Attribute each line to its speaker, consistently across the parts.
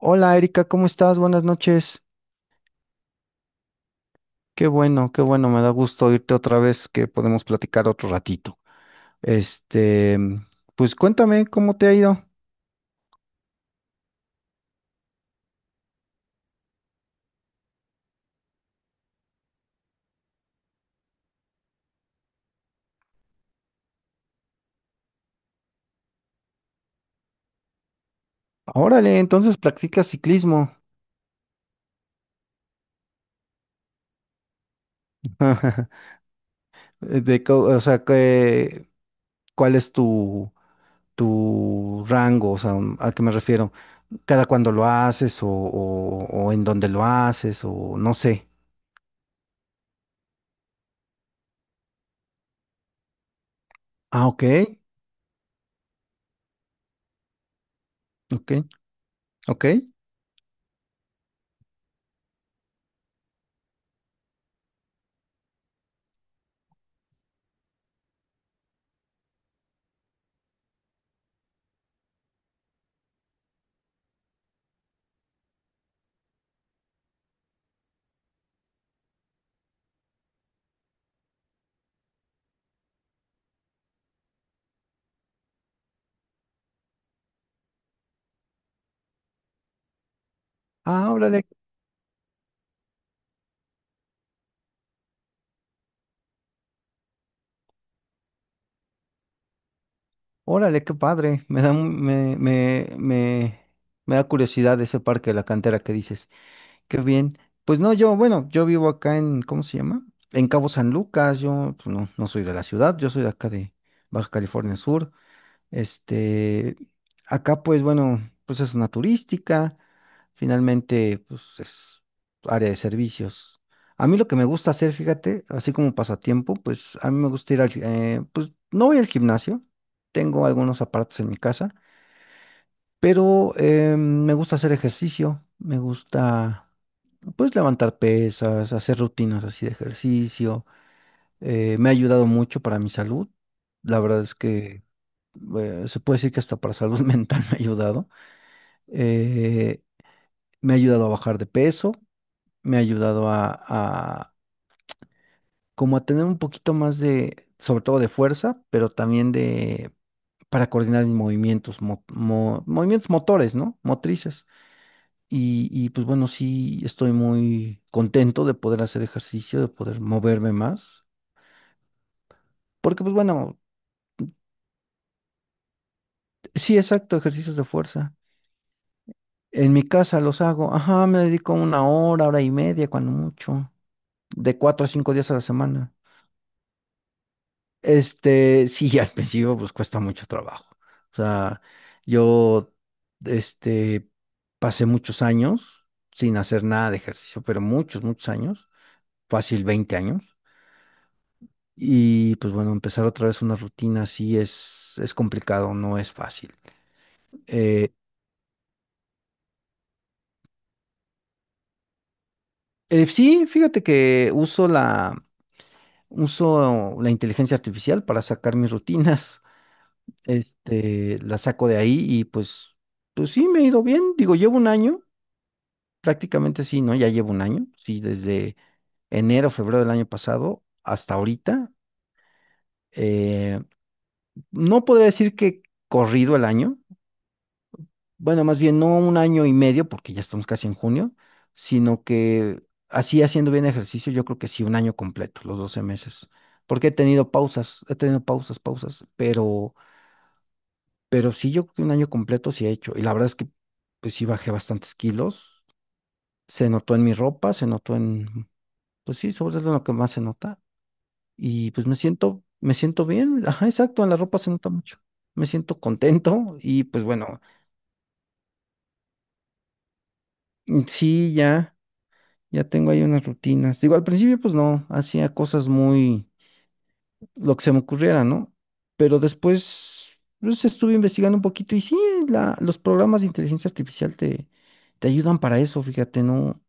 Speaker 1: Hola Erika, ¿cómo estás? Buenas noches. Qué bueno, me da gusto oírte otra vez que podemos platicar otro ratito. Este, pues cuéntame cómo te ha ido. Órale, entonces practicas ciclismo. De, co- o sea, que, ¿cuál es tu rango? O sea, ¿a qué me refiero? ¿Cada cuándo lo haces o o en dónde lo haces o no sé? Ah, ok, ok, ok. Ah, órale, órale, qué padre. Me da, un- me da curiosidad ese parque de la cantera que dices. Qué bien. Pues no, yo, bueno, yo vivo acá en, ¿cómo se llama? En Cabo San Lucas. Yo pues, no soy de la ciudad, yo soy de acá de Baja California Sur. Este, Acá pues bueno, pues es una turística, finalmente pues es área de servicios. A mí lo que me gusta hacer, fíjate, así como pasatiempo, pues a mí me gusta ir pues no voy al gimnasio, tengo algunos aparatos en mi casa, pero me gusta hacer ejercicio, me gusta pues levantar pesas, hacer rutinas así de ejercicio, me ha ayudado mucho para mi salud. La verdad es que se puede decir que hasta para salud mental me ha ayudado. Eh, Me ha ayudado a bajar de peso, me ha ayudado a como a tener un poquito más de, sobre todo de fuerza, pero también de, para coordinar mis movimientos, movimientos motores, ¿no? Motrices. Y pues bueno, sí estoy muy contento de poder hacer ejercicio, de poder moverme más. Porque pues bueno, sí, exacto, ejercicios de fuerza. En mi casa los hago, ajá, me dedico una hora, hora y media, cuando mucho, de cuatro a cinco días a la semana. Este, sí, al principio pues cuesta mucho trabajo. O sea, yo, este, pasé muchos años sin hacer nada de ejercicio, pero muchos, muchos años, fácil 20 años. Y pues bueno, empezar otra vez una rutina así es complicado, no es fácil. Eh, sí, fíjate que uso uso la inteligencia artificial para sacar mis rutinas. Este, la saco de ahí y pues, pues sí, me ha ido bien. Digo, llevo un año, prácticamente sí, ¿no? Ya llevo un año, sí, desde enero, febrero del año pasado hasta ahorita. eh, no podría decir que corrido el año, bueno, más bien no un año y medio, porque ya estamos casi en junio, sino que así haciendo bien ejercicio, yo creo que sí, un año completo, los 12 meses. Porque he tenido pausas, he tenido pausas, pero sí, yo creo que un año completo sí he hecho. Y la verdad es que, pues sí bajé bastantes kilos. Se notó en mi ropa, se notó en, pues sí, sobre todo en lo que más se nota. Y pues me siento bien. Ajá, exacto, en la ropa se nota mucho. Me siento contento y pues bueno, mm, sí, ya, ya tengo ahí unas rutinas. Digo, al principio pues no, hacía cosas muy, lo que se me ocurriera, ¿no? Pero después, pues estuve investigando un poquito y sí, los programas de inteligencia artificial te ayudan para eso, fíjate, no,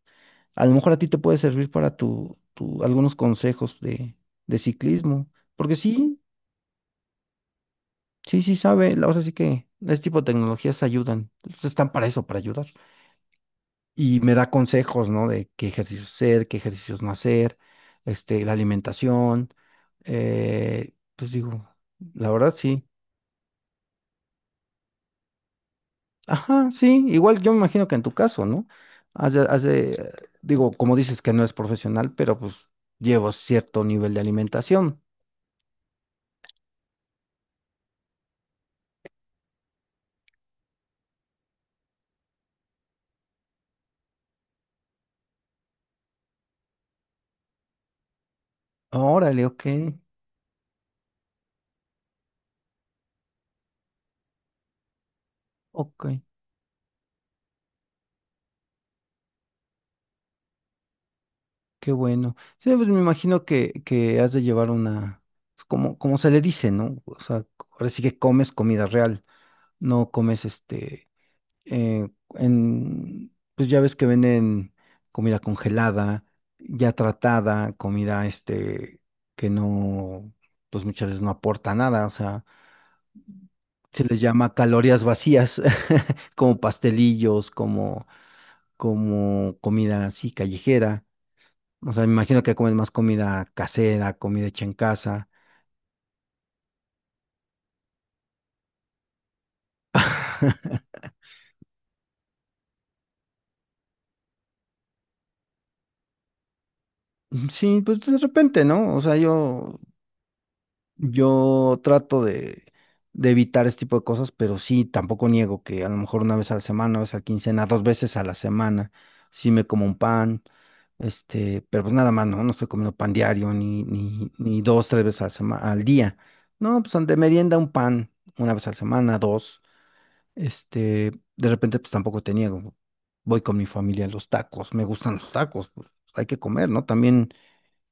Speaker 1: a lo mejor a ti te puede servir para algunos consejos de ciclismo, porque sí sabe, o sea, sí que este tipo de tecnologías ayudan, pues, están para eso, para ayudar. Y me da consejos, ¿no? De qué ejercicios hacer, qué ejercicios no hacer, este, la alimentación, pues digo, la verdad sí. Ajá, sí, igual yo me imagino que en tu caso, ¿no? Has de, digo, como dices que no es profesional, pero pues llevo cierto nivel de alimentación. Ah, órale, ok, ok, qué bueno. Sí, pues me imagino que has de llevar una, pues, como, como se le dice, ¿no? O sea, ahora sí que comes comida real, no comes este, eh, pues ya ves que venden comida congelada, ya tratada, comida este, que no, pues muchas veces no aporta nada, o sea, se les llama calorías vacías, como pastelillos, como, como comida así callejera. O sea, me imagino que comes más comida casera, comida hecha en casa. Sí, pues de repente, ¿no? O sea, yo trato de evitar este tipo de cosas, pero sí, tampoco niego que a lo mejor una vez a la semana, una vez a la quincena, dos veces a la semana, sí me como un pan, este, pero pues nada más, ¿no? No estoy comiendo pan diario, ni dos, tres veces a al día. No, pues de merienda un pan, una vez a la semana, dos. Este, de repente, pues tampoco tenía, como, voy con mi familia a los tacos, me gustan los tacos, pues hay que comer, ¿no? También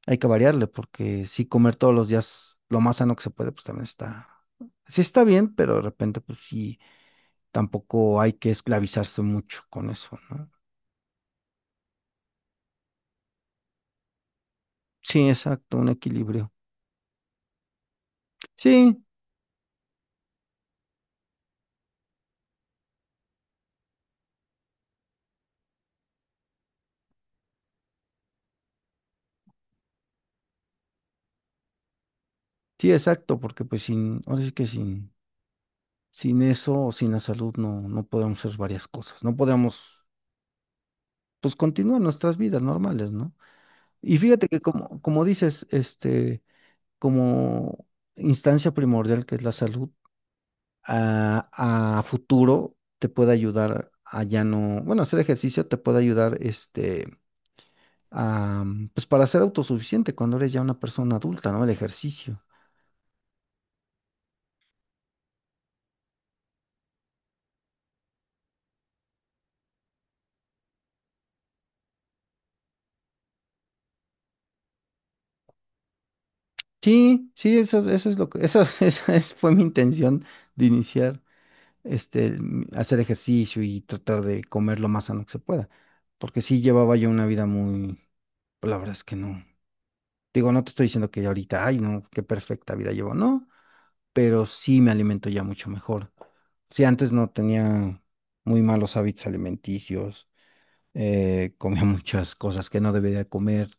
Speaker 1: hay que variarle, porque si comer todos los días lo más sano que se puede, pues también está, sí está bien, pero de repente, pues sí, tampoco hay que esclavizarse mucho con eso, ¿no? Sí, exacto, un equilibrio. Sí, sí, exacto, porque pues sin, ahora sí que sin, sin eso, sin la salud, no podemos hacer varias cosas, no podemos, pues continuar nuestras vidas normales, ¿no? Y fíjate que como, como dices, este, como instancia primordial que es la salud, a futuro te puede ayudar a ya no, bueno, hacer ejercicio te puede ayudar, este, a, mm, pues para ser autosuficiente cuando eres ya una persona adulta, ¿no? El ejercicio. Sí, eso, eso es lo que, eso, fue mi intención de iniciar, este, mm, hacer ejercicio y tratar de comer lo más sano que se pueda, porque sí llevaba yo una vida muy, pues la verdad es que no. Digo, no te estoy diciendo que ahorita, ay, no, qué perfecta vida llevo, no, pero sí me alimento ya mucho mejor. Si antes no tenía muy malos hábitos alimenticios, comía muchas cosas que no debería comer,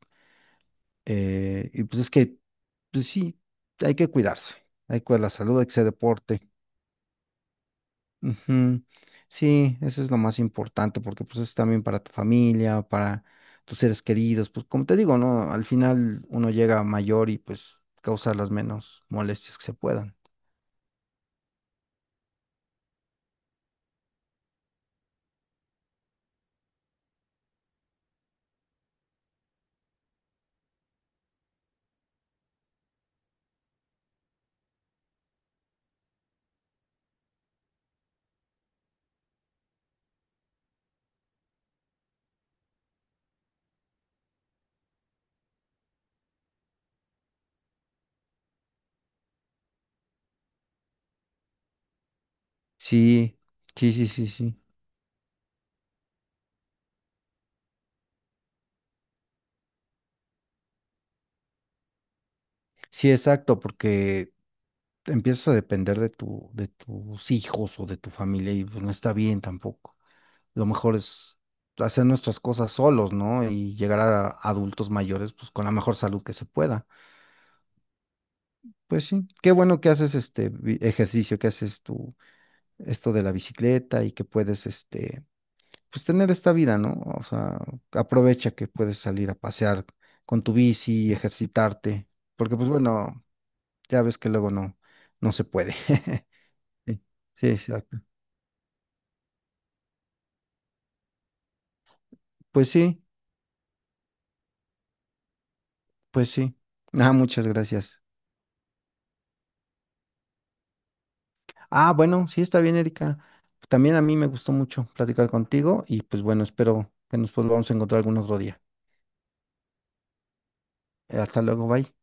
Speaker 1: y pues es que, pues sí, hay que cuidarse, hay que cuidar la salud, hay que hacer deporte. Ujú. Sí, eso es lo más importante, porque pues es también para tu familia, para tus seres queridos, pues como te digo, ¿no? Al final uno llega mayor y pues causa las menos molestias que se puedan. Sí, sí. Sí, exacto, porque empiezas a depender de tu, de tus hijos o de tu familia y pues no está bien tampoco. Lo mejor es hacer nuestras cosas solos, ¿no? Y llegar a adultos mayores pues con la mejor salud que se pueda. Pues sí, qué bueno que haces este ejercicio, que haces tu esto de la bicicleta y que puedes este pues tener esta vida, ¿no? O sea, aprovecha que puedes salir a pasear con tu bici, ejercitarte, porque pues bueno, ya ves que luego no se puede. Sí, sí, exacto. Pues sí, pues sí. Ah, muchas gracias. Ah, bueno, sí está bien, Erika. También a mí me gustó mucho platicar contigo y pues bueno, espero que nos volvamos a encontrar algún otro día. Hasta luego, bye.